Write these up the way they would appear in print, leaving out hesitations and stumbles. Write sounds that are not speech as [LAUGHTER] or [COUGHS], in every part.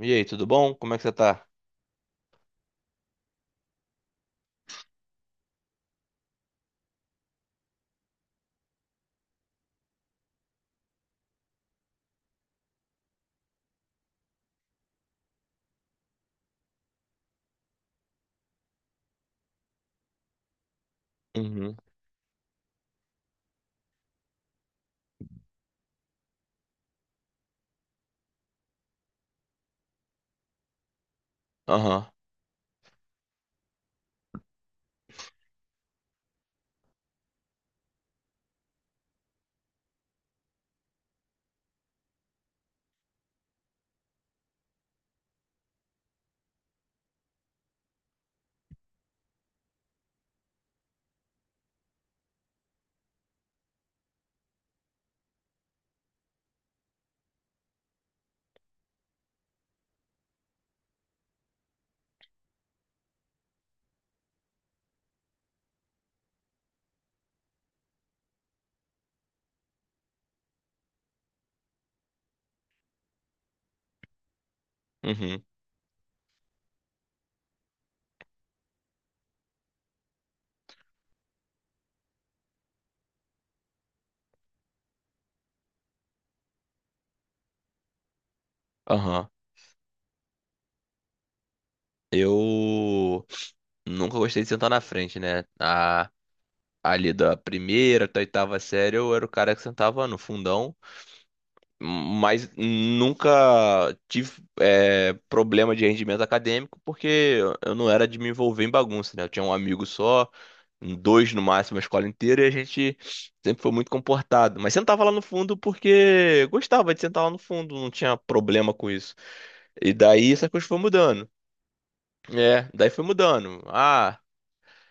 E aí, tudo bom? Como é que você tá? Uhum, aham, uhum, aham. Eu nunca gostei de sentar na frente, né? A, ali da primeira até a oitava série, eu era o cara que sentava no fundão, mas nunca tive problema de rendimento acadêmico, porque eu não era de me envolver em bagunça, né? Eu tinha um amigo só, dois no máximo, a escola inteira, e a gente sempre foi muito comportado. Mas sentava lá no fundo porque gostava de sentar lá no fundo, não tinha problema com isso. E daí essa coisa foi mudando. É, daí foi mudando. Ah,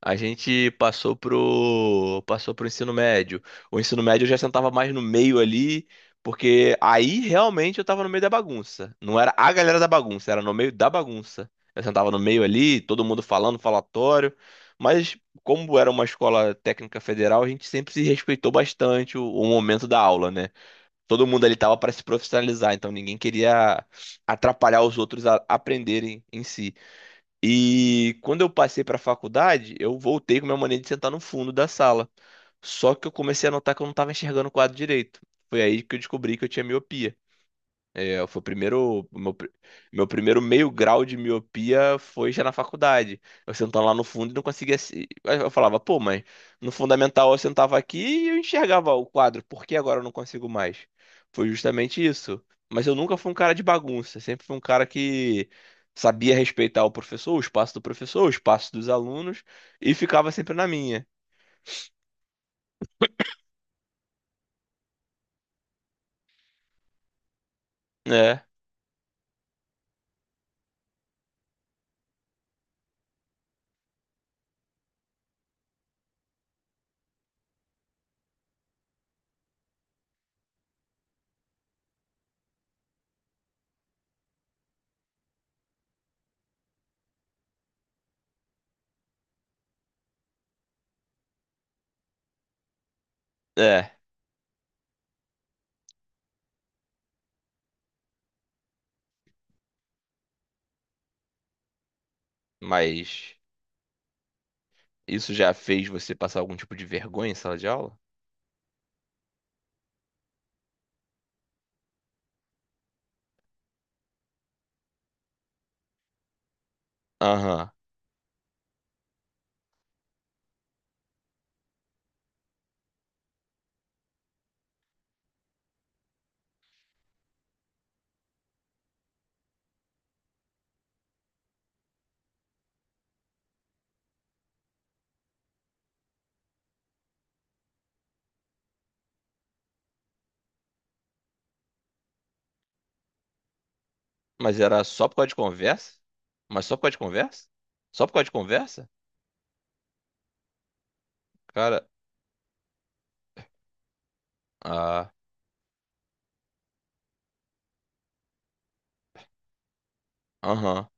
a gente passou pro ensino médio. O ensino médio eu já sentava mais no meio ali, porque aí realmente eu tava no meio da bagunça. Não era a galera da bagunça, era no meio da bagunça. Eu sentava no meio ali, todo mundo falando, falatório. Mas como era uma escola técnica federal, a gente sempre se respeitou bastante o momento da aula, né? Todo mundo ali tava para se profissionalizar, então ninguém queria atrapalhar os outros a aprenderem em si. E quando eu passei para a faculdade, eu voltei com a minha mania de sentar no fundo da sala. Só que eu comecei a notar que eu não estava enxergando o quadro direito. Foi aí que eu descobri que eu tinha miopia. É, foi o primeiro, meu, pri- Meu primeiro meio grau de miopia foi já na faculdade. Eu sentava lá no fundo e não conseguia. Aí eu falava, pô, mas no fundamental eu sentava aqui e eu enxergava o quadro, por que agora eu não consigo mais? Foi justamente isso. Mas eu nunca fui um cara de bagunça, sempre fui um cara que sabia respeitar o professor, o espaço do professor, o espaço dos alunos e ficava sempre na minha. É, é, mas isso já fez você passar algum tipo de vergonha em sala de aula? Aham. Mas era só por causa de conversa? Mas só por causa de conversa? Só por causa de conversa? Cara, ah, aham,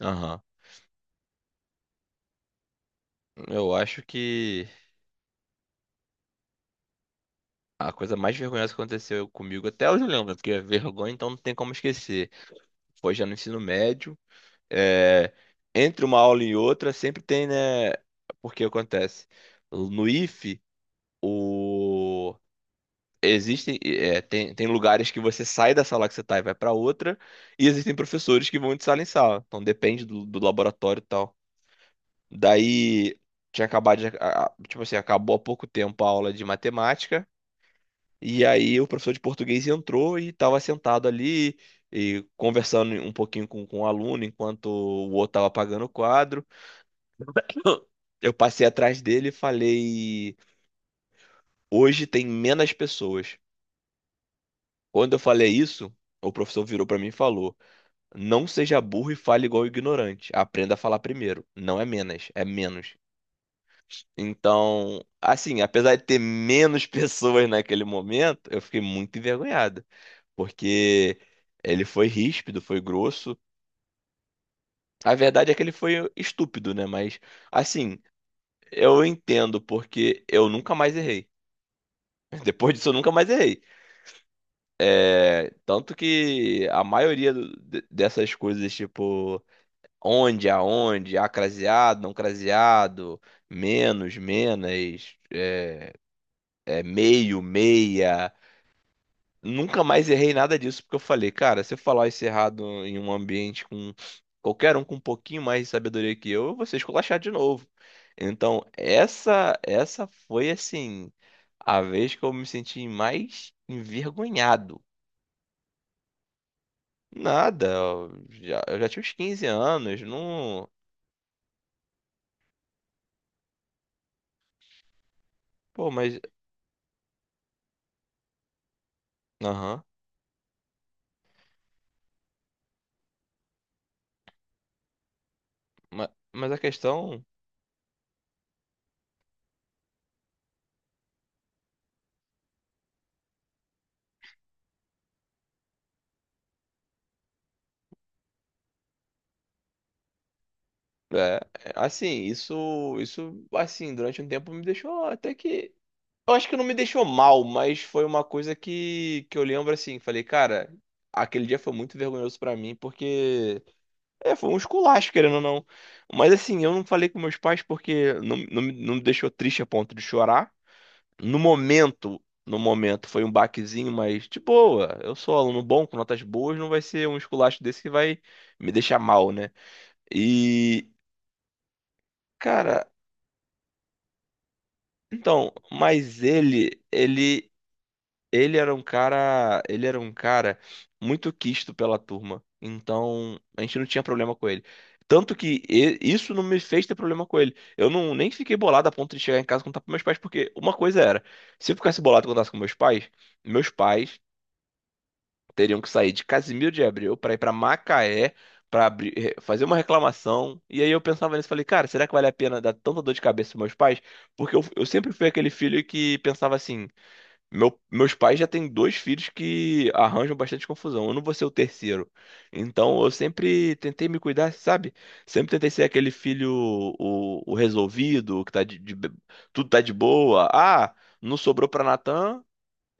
aham. Eu acho que a coisa mais vergonhosa que aconteceu comigo, até hoje eu lembro, né? Porque é vergonha então não tem como esquecer. Foi já no ensino médio, é, entre uma aula e outra sempre tem, né? Porque acontece. No ife o Existem, é, tem, tem lugares que você sai da sala que você tá e vai pra outra, e existem professores que vão de sala em sala. Então depende do laboratório e tal. Daí tinha acabado de, a- tipo assim, acabou há pouco tempo a aula de matemática, e aí o professor de português entrou e estava sentado ali e conversando um pouquinho com o aluno enquanto o outro estava apagando o quadro. [COUGHS] Eu passei atrás dele e falei: "Hoje tem menos pessoas". Quando eu falei isso, o professor virou para mim e falou: Não seja burro e fale igual ignorante. Aprenda a falar primeiro. Não é menos, é menos. Então, assim, apesar de ter menos [LAUGHS] pessoas naquele momento, eu fiquei muito envergonhado, porque ele foi ríspido, foi grosso. A verdade é que ele foi estúpido, né? Mas, assim, eu entendo, porque eu nunca mais errei. [LAUGHS] Depois disso, eu nunca mais errei. É, tanto que a maioria dessas coisas, tipo onde, aonde, ah, craseado, não craseado, menos, menos, é, é meio, meia. Nunca mais errei nada disso, porque eu falei, cara, se eu falar isso errado em um ambiente com qualquer um com um pouquinho mais de sabedoria que eu vou ser esculachado de novo. Então, essa foi, assim, a vez que eu me senti mais envergonhado. Nada, eu já tinha uns 15 anos, não... Pô, mas... Aham. Mas, mas a questão é, é, assim, isso, assim, durante um tempo me deixou até que. Eu acho que não me deixou mal, mas foi uma coisa que eu lembro assim, falei, cara, aquele dia foi muito vergonhoso pra mim, porque foi um esculacho, querendo ou não. Mas assim, eu não falei com meus pais porque não me deixou triste a ponto de chorar. No momento foi um baquezinho, mas de boa, eu sou aluno bom, com notas boas, não vai ser um esculacho desse que vai me deixar mal, né? E, cara, então, mas ele era um cara, ele era um cara muito quisto pela turma. Então, a gente não tinha problema com ele. Tanto que isso não me fez ter problema com ele. Eu não nem fiquei bolado a ponto de chegar em casa e contar pros meus pais, porque uma coisa era, se eu ficasse bolado e contasse com meus pais teriam que sair de Casimiro de Abreu para ir para Macaé para abrir fazer uma reclamação. E aí eu pensava nisso e falei, cara, será que vale a pena dar tanta dor de cabeça aos meus pais? Porque eu sempre fui aquele filho que pensava assim: meu, meus pais já têm dois filhos que arranjam bastante confusão, eu não vou ser o terceiro. Então eu sempre tentei me cuidar, sabe? Sempre tentei ser aquele filho o resolvido, que tudo tá de boa. Ah, não sobrou pra Natan,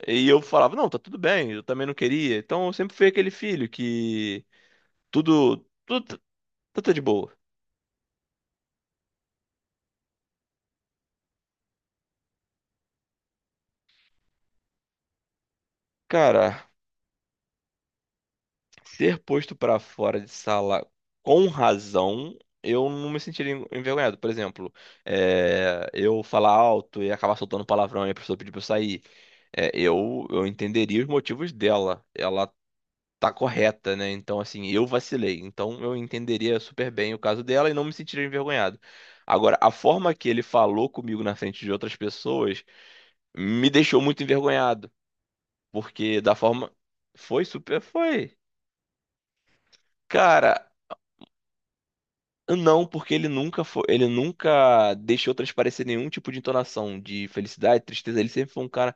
e eu falava, não, tá tudo bem, eu também não queria. Então eu sempre fui aquele filho que tudo, tudo, tá- tudo tá de boa. Cara, ser posto pra fora de sala com razão, eu não me sentiria envergonhado. Por exemplo, eu falar alto e acabar soltando palavrão e a pessoa pedir pra eu sair. Eu entenderia os motivos dela. Ela tá correta, né? Então, assim, eu vacilei. Então, eu entenderia super bem o caso dela e não me sentiria envergonhado. Agora, a forma que ele falou comigo na frente de outras pessoas me deixou muito envergonhado, porque da forma foi super foi. Cara, não, porque ele nunca deixou transparecer nenhum tipo de entonação de felicidade, tristeza. Ele sempre foi um cara.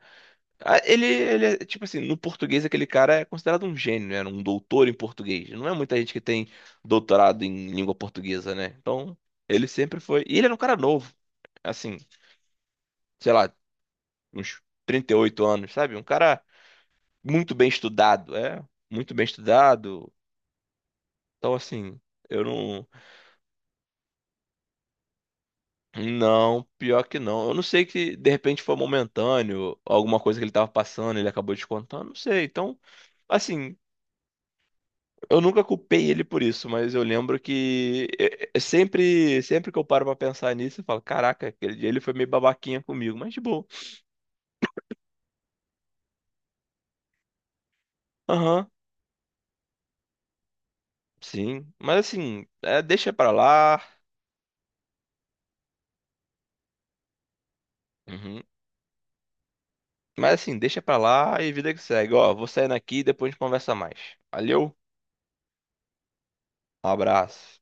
Ah, ele é, tipo assim, no português aquele cara é considerado um gênio, né? Um doutor em português. Não é muita gente que tem doutorado em língua portuguesa, né? Então, ele sempre foi. E ele era um cara novo, assim, sei lá, uns 38 anos, sabe? Um cara muito bem estudado, muito bem estudado. Então, assim, eu não. Não, pior que não. Eu não sei que de repente foi momentâneo, alguma coisa que ele tava passando, ele acabou descontando, não sei. Então. Assim, eu nunca culpei ele por isso, mas eu lembro que é sempre, sempre que eu paro pra pensar nisso, eu falo, caraca, aquele dia ele foi meio babaquinha comigo, mas de boa. Aham, sim. Mas assim, deixa pra lá. Uhum. Mas assim, deixa pra lá e vida que segue. Ó, vou saindo aqui e depois a gente conversa mais. Valeu, um abraço.